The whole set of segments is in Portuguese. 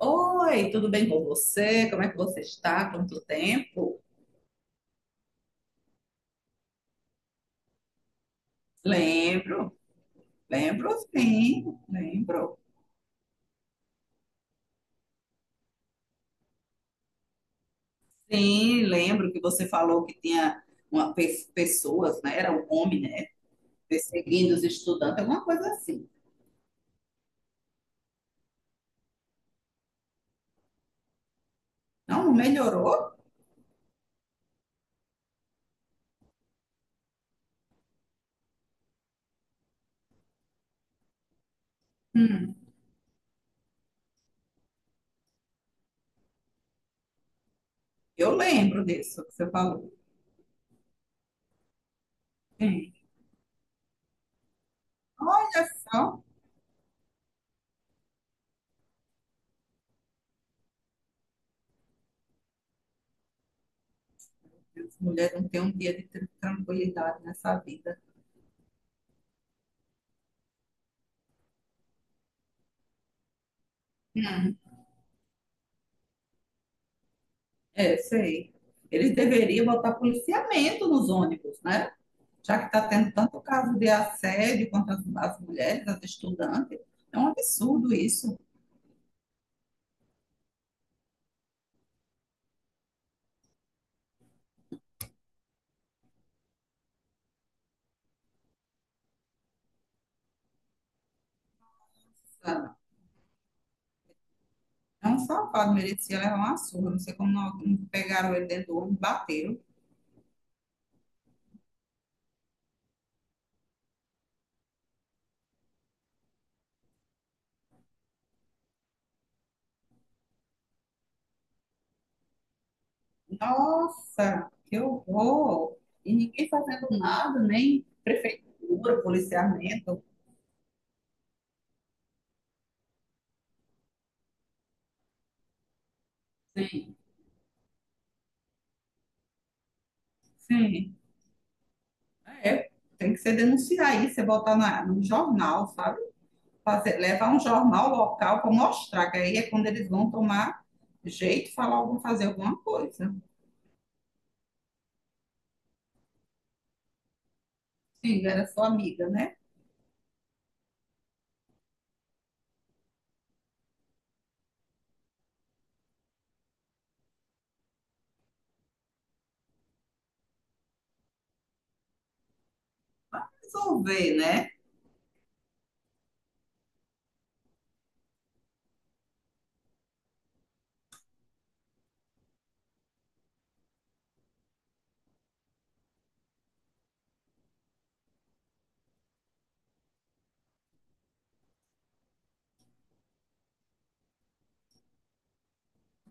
Oi, tudo bem com você? Como é que você está? Quanto tempo? Lembro, lembro, sim, lembro. Sim, lembro que você falou que tinha uma, pessoas, né? Era um homem, né? Perseguindo os estudantes, alguma coisa assim. Não, não melhorou? Hum, eu lembro disso que você falou. Sim. Olha só, as mulheres não têm um dia de tranquilidade nessa vida. Hum, é, sei. Eles deveriam botar policiamento nos ônibus, né? Já que está tendo tanto caso de assédio contra as mulheres, as estudantes. É um absurdo isso. Sabe? É um safado, merecia levar uma surra. Não sei como não, pegaram ele dentro do ônibus, bateram. Nossa, que horror! E ninguém fazendo nada, nem prefeitura, policiamento. Sim, sim. É, tem que ser denunciar isso, você botar no jornal, sabe? Fazer, levar um jornal local para mostrar, que aí é quando eles vão tomar jeito, falar algum, fazer alguma coisa. Sim, era sua amiga, né? Resolver, né?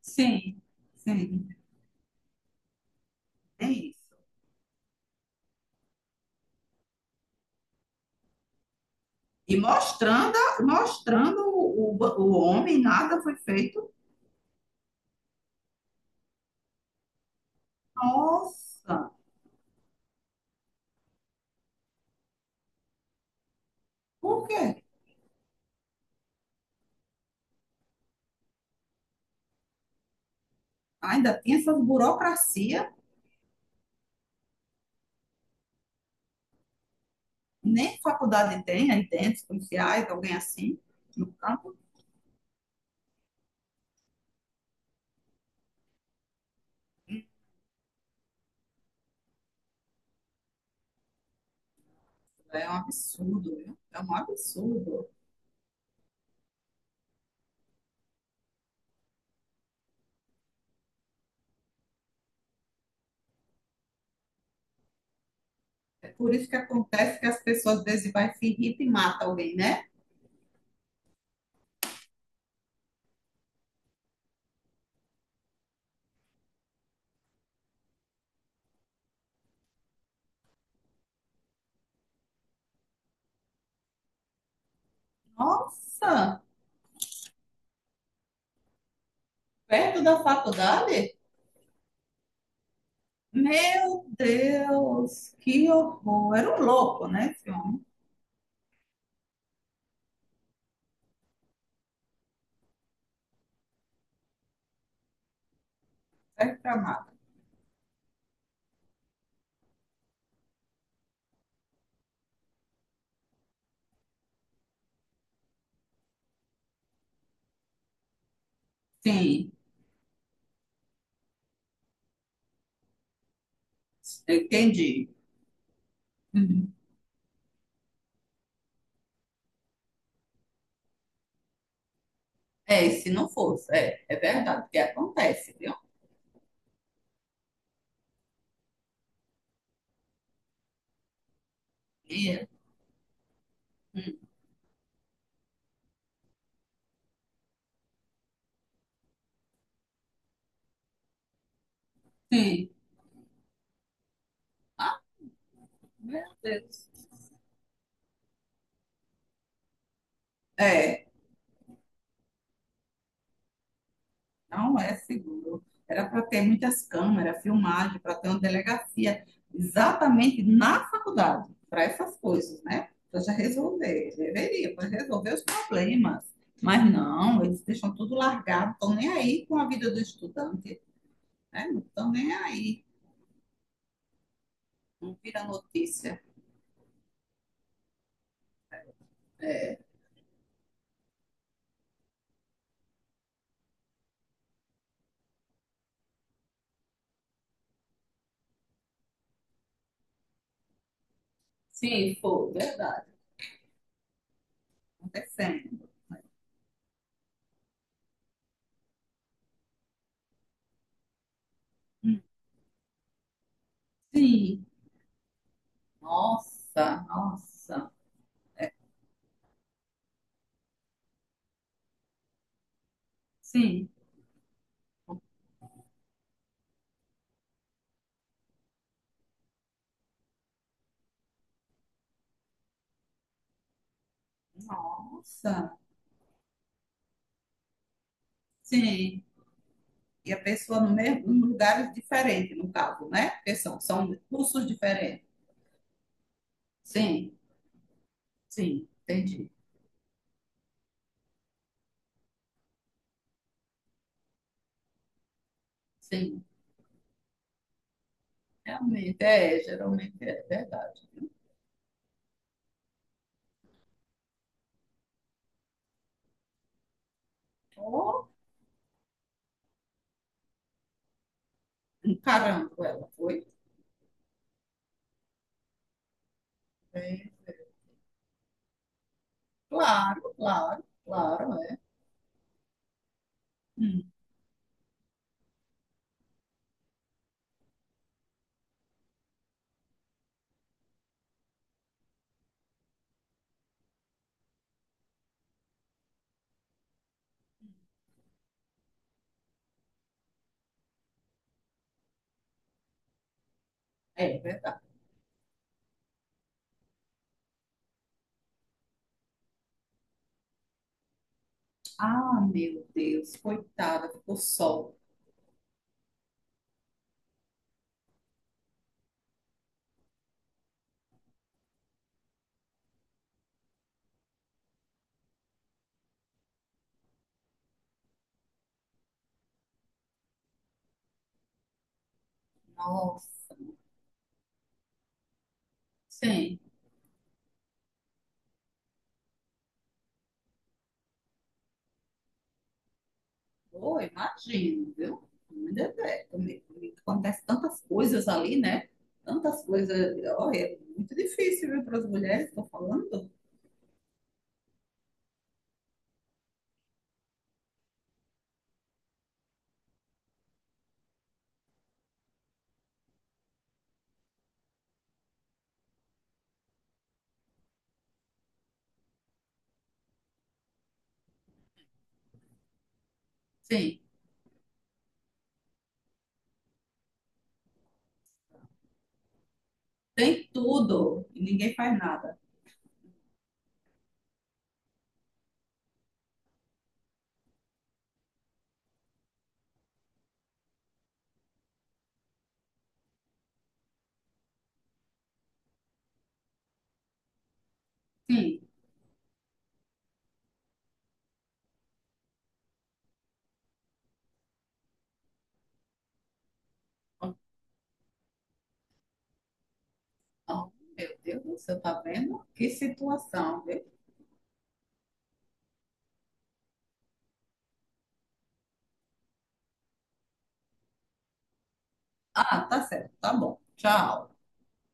Sim, sim, é isso. E mostrando, mostrando o homem, nada foi feito. Nossa, por quê? Ainda tem essas burocracia, nem faculdade tem, aí dentro, policiais, alguém assim, no campo. É um absurdo, viu? É um absurdo. É por isso que acontece que as pessoas às vezes vai se irrita e mata alguém, né? Nossa, perto da faculdade? Meu Deus, que horror. Era um louco, né, esse homem? Serve pra nada. Sim, entendi. Uhum. É, se não fosse, é, é verdade, que acontece, viu? E, sim, meu Deus. É. Não é seguro. Era para ter muitas câmeras, filmagem, para ter uma delegacia exatamente na faculdade, para essas coisas, né? Para já resolver, deveria, para resolver os problemas. Mas não, eles deixam tudo largado, estão nem aí com a vida do estudante, né? Não estão nem aí, não vira notícia. Sim, foi, verdade, acontecendo. Hum, Sim, nossa, nossa, sim, nossa, sim. E a pessoa no mesmo, em lugares diferentes, no caso, né? Porque são cursos diferentes. Sim, sim, entendi. Sim, realmente, é, geralmente é verdade. Oh, um carango ela foi. É, é. Claro, claro, claro, é. Hum, é verdade. Ah, meu Deus, coitada, ficou sol. Nossa, sim. Pô, imagino, viu? Ainda bem, também acontece tantas coisas ali, né? Tantas coisas. Olha, é muito difícil, viu, para as mulheres, estou falando. Sim, tem tudo e ninguém faz nada. Sim. Oh, meu Deus do céu, tá vendo? Que situação, viu? Ah, tá certo, tá bom. Tchau.